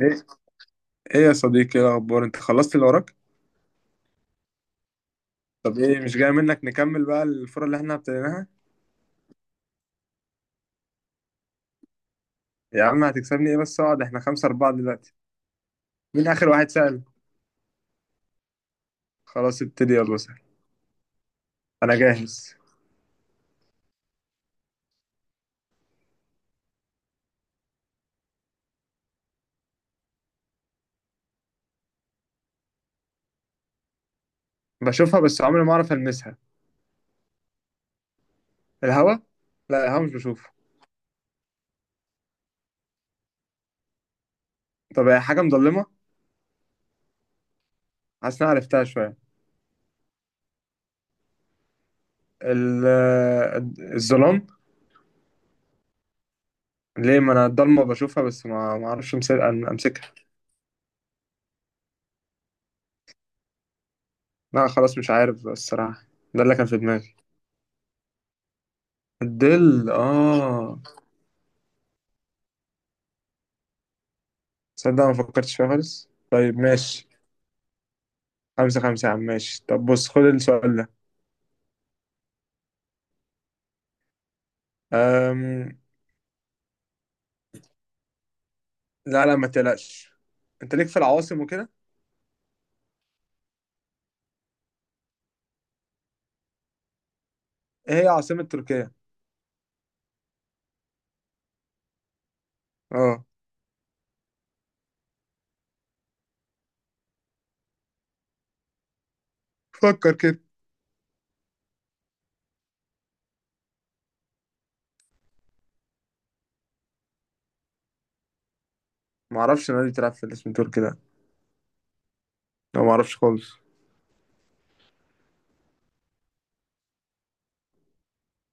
ايه ايه يا صديقي، ايه الاخبار؟ انت خلصت اللي وراك؟ طب ايه مش جاي منك نكمل بقى الفرق اللي احنا ابتديناها. يا عم هتكسبني ايه بس؟ اقعد، احنا خمسة اربعة دلوقتي. مين اخر واحد سأل؟ خلاص ابتدي يلا سهل، انا جاهز. بشوفها بس عمري ما اعرف المسها. الهوا. لا الهوا مش بشوفه. طب هي حاجة مظلمة؟ حاسس إن أنا عرفتها شوية. ال- الظلام. ليه؟ ما انا الضلمة بشوفها بس ما اعرفش امسكها. لا خلاص مش عارف الصراحة، ده اللي كان في دماغي. الظل، اه. تصدق ما فكرتش فيها خالص، طيب ماشي. خمسة خمسة يا عم ماشي. طب بص خد السؤال ده. أم... لا لا ما تقلقش. انت ليك في العواصم وكده. ايه هي عاصمة تركيا؟ اه فكر كده. ما اعرفش نادي بتلعب في الاسم تركي ده. لا ما اعرفش خالص.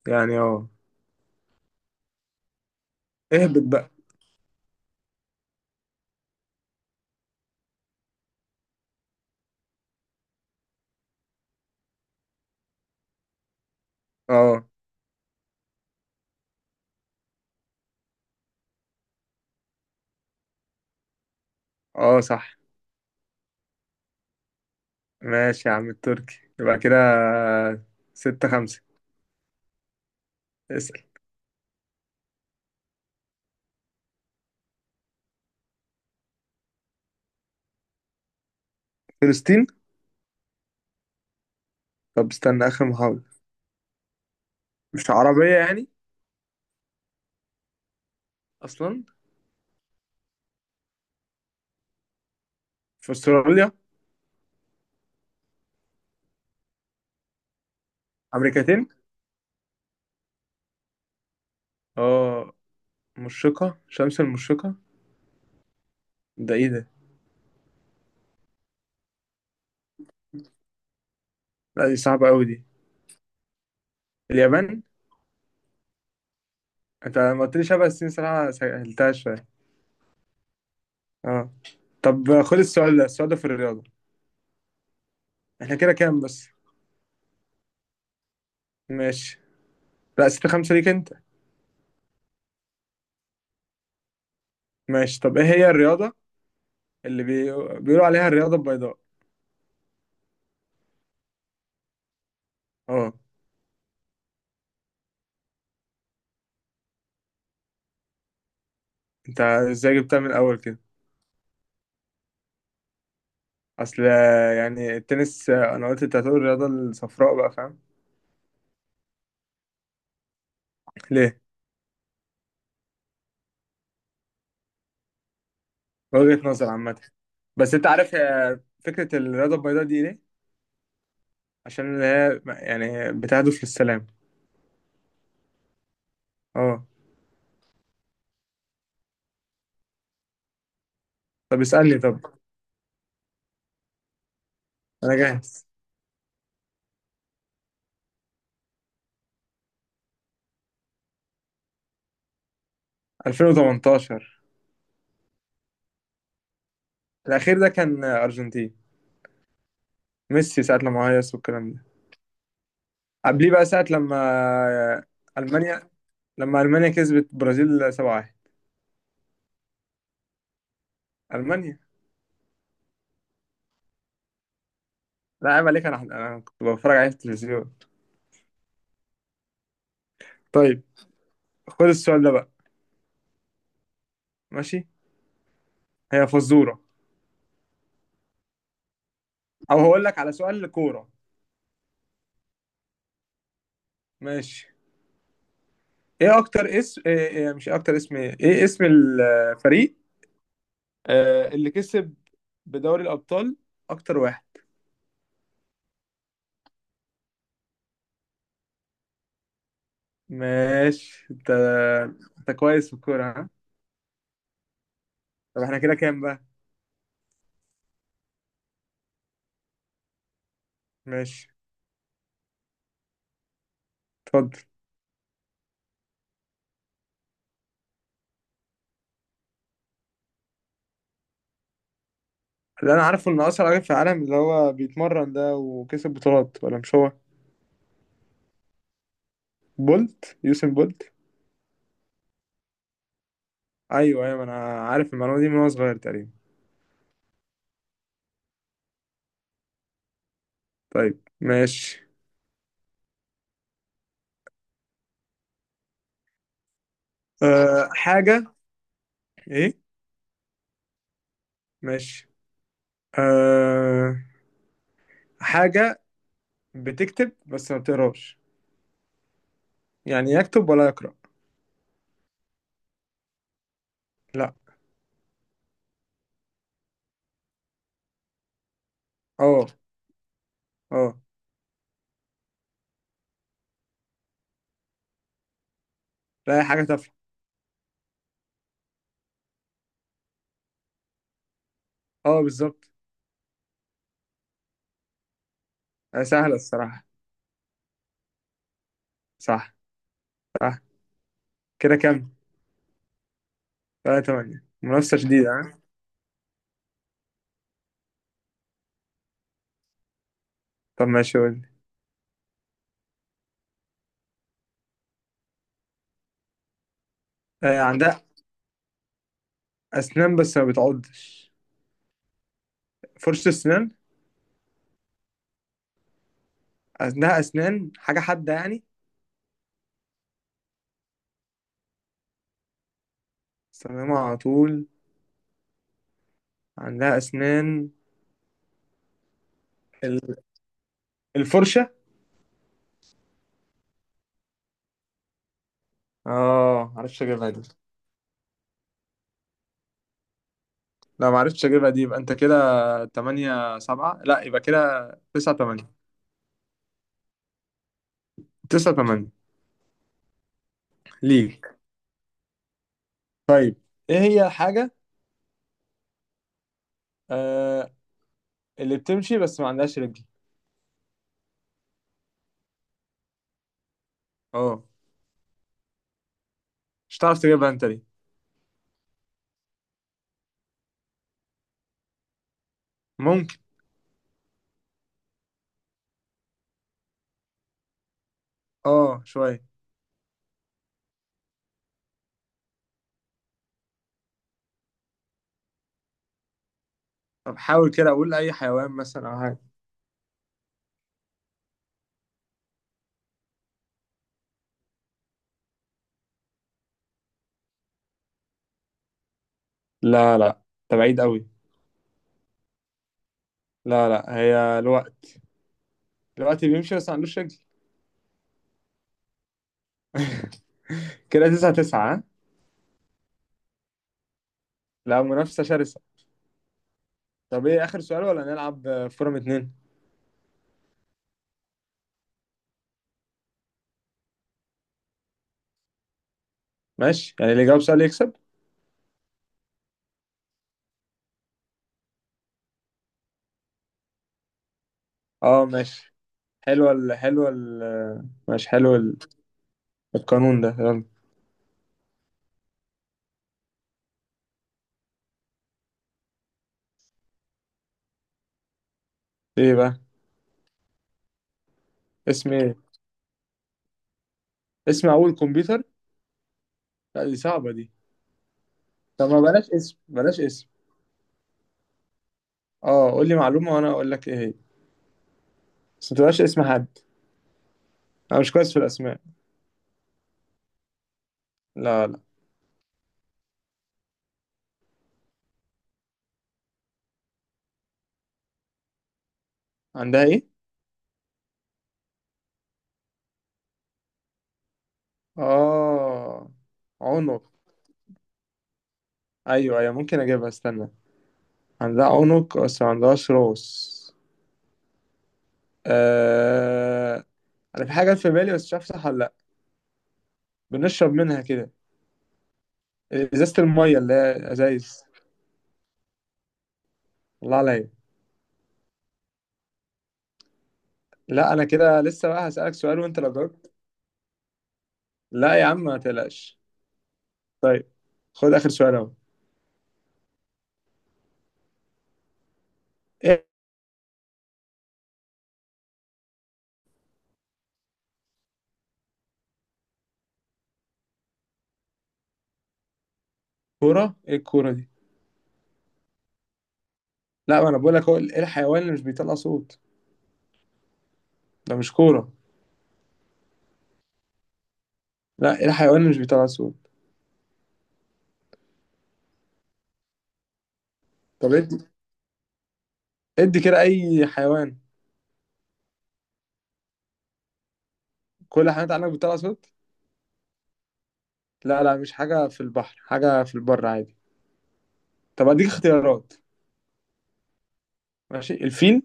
يعني اه. اهبط بقى. اه. اه صح ماشي يا عم التركي يبقى كده. ستة خمسة. اسأل. فلسطين. طب استنى آخر محاولة. مش عربية يعني؟ أصلا في أستراليا؟ أمريكتين؟ اه مشرقة، شمس المشرقة. ده ايه ده؟ لا دي صعبة قوي دي. اليابان. انت لما قلت لي شبه الصين صراحة سهلتها شوية. اه. طب خد السؤال ده، السؤال ده في الرياضة. احنا كده كام بس؟ ماشي. لا ستة خمسة ليك انت. ماشي. طب ايه هي الرياضة اللي بي... بيقولوا عليها الرياضة البيضاء؟ اه. انت ازاي جبتها من الاول كده؟ اصل يعني التنس. انا قلت انت هتقول الرياضة الصفراء بقى، فاهم؟ ليه؟ وجهة نظر عامة. بس انت عارف فكرة الرياضة البيضاء دي ليه؟ عشان هي يعني بتهدف للسلام. اه. طب اسألني طب. انا جاهز. 2018. الاخير ده كان ارجنتين. ميسي ساعة لما هيص والكلام ده. قبليه بقى ساعة لما المانيا. لما المانيا كسبت برازيل 7-1. المانيا. لا عيب عليك، انا كنت بتفرج عليه في التلفزيون. طيب خد السؤال ده بقى. ماشي. هي فزورة. او هقول لك على سؤال كورة. ماشي. ايه اكتر اسم، إيه إيه مش إيه اكتر اسم، ايه إيه اسم الفريق، اللي كسب بدوري الأبطال أكتر واحد؟ ماشي أنت. أنت كويس في الكورة ها؟ طب إحنا كده كام بقى؟ ماشي. اتفضل. اللي أنا عارفه إن أسرع راجل في العالم اللي هو بيتمرن ده وكسب بطولات، ولا مش هو؟ بولت، يوسين بولت. أيوه أيوه، أنا عارف المعلومة دي من وأنا صغير تقريبا. طيب ماشي. أه حاجة. إيه؟ ماشي. أه حاجة بتكتب بس ما بتقراش، يعني يكتب ولا يقرأ. لا. اه. اه. لا هي حاجة تافهة. اه بالظبط. سهلة الصراحة. صح. صح. كده كام؟ تلاتة تمانية، منافسة شديدة ها؟ طب ماشي قول لي. آه عندها أسنان بس ما بتعضش. فرشة أسنان. عندها أسنان، حاجة حادة يعني. بستخدمها على طول. عندها أسنان. ال- الفرشة. اه معرفتش أجيبها دي. لا معرفتش أجيبها دي، يبقى أنت كده تمانية سبعة. لا يبقى كده تسعة تمانية. تسعة تمانية ليك. طيب إيه هي الحاجة آه اللي بتمشي بس ما عندهاش رجل؟ اه مش هتعرف تجيبها انت دي. ممكن. اه شوية. طب حاول كده، اقول اي حيوان مثلا او حاجة. لا لا، ده بعيد قوي. لا لا، هي الوقت. الوقت بيمشي بس ما عندوش رجل. كده تسعة تسعة ها؟ لا منافسة شرسة. طب ايه اخر سؤال ولا نلعب فورم اتنين؟ ماشي، يعني اللي يجاوب سؤال يكسب. اه ماشي. حلوة ال حلوة ال ماشي حلو ال- القانون ده يلا. ايه بقى؟ اسم ايه؟ اسم اول كمبيوتر؟ لا دي صعبة دي. طب ما بلاش اسم، بلاش اسم. اه قول لي معلومة وانا اقول لك ايه هي، بس ما تبقاش اسم حد. انا مش كويس في الاسماء. لا لا. عندها ايه؟ اه. عنق. ايوه ايوه ممكن اجيبها استنى. عندها عنق بس ما عندهاش راس. آه... انا في حاجه في بالي بس مش عارف صح ولا لا. بنشرب منها كده. ازازه الميه اللي هي ازايز. الله عليا. لا انا كده لسه بقى هسألك سؤال وانت لو جاوبت. لا يا عم ما تقلقش. طيب خد اخر سؤال اهو. ايه؟ الكوره؟ ايه الكوره دي؟ لا ما انا بقول لك، هو ايه الحيوان اللي مش بيطلع صوت؟ ده مش كوره. لا ايه الحيوان اللي مش بيطلع صوت؟ طب إيه؟ ادي كده اي حيوان. كل الحيوانات عندك بتطلع صوت؟ لا لا، مش حاجه في البحر، حاجه في البر عادي. طب اديك اختيارات. ماشي، الفيل،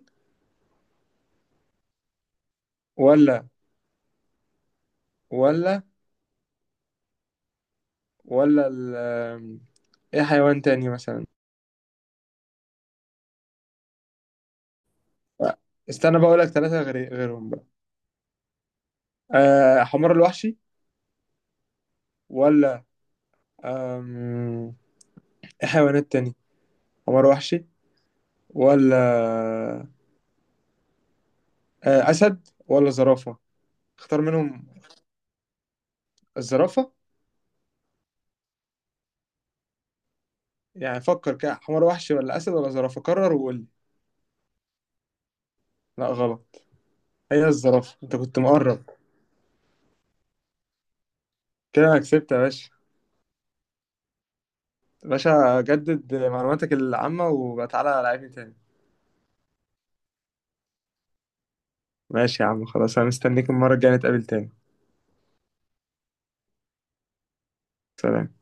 ولا، ولا، ولا ال ايه حيوان تاني مثلا؟ لا، استنى بقى اقول لك ثلاثه غير غيرهم بقى. أه حمار الوحشي، ولا، آم، ايه حيوانات تاني؟ حمار وحشي، ولا، أه اسد، ولا زرافه؟ اختار منهم. الزرافه. يعني فكر كده، حمار وحشي ولا اسد ولا زرافه؟ قرر وقول لي. لا غلط. هي الزرافة، انت كنت مقرب. كده انا كسبت يا باشا. يا باشا جدد معلوماتك العامة وبقى تعالى لعبني تاني. ماشي يا عم خلاص، انا مستنيك المرة الجاية نتقابل تاني. سلام.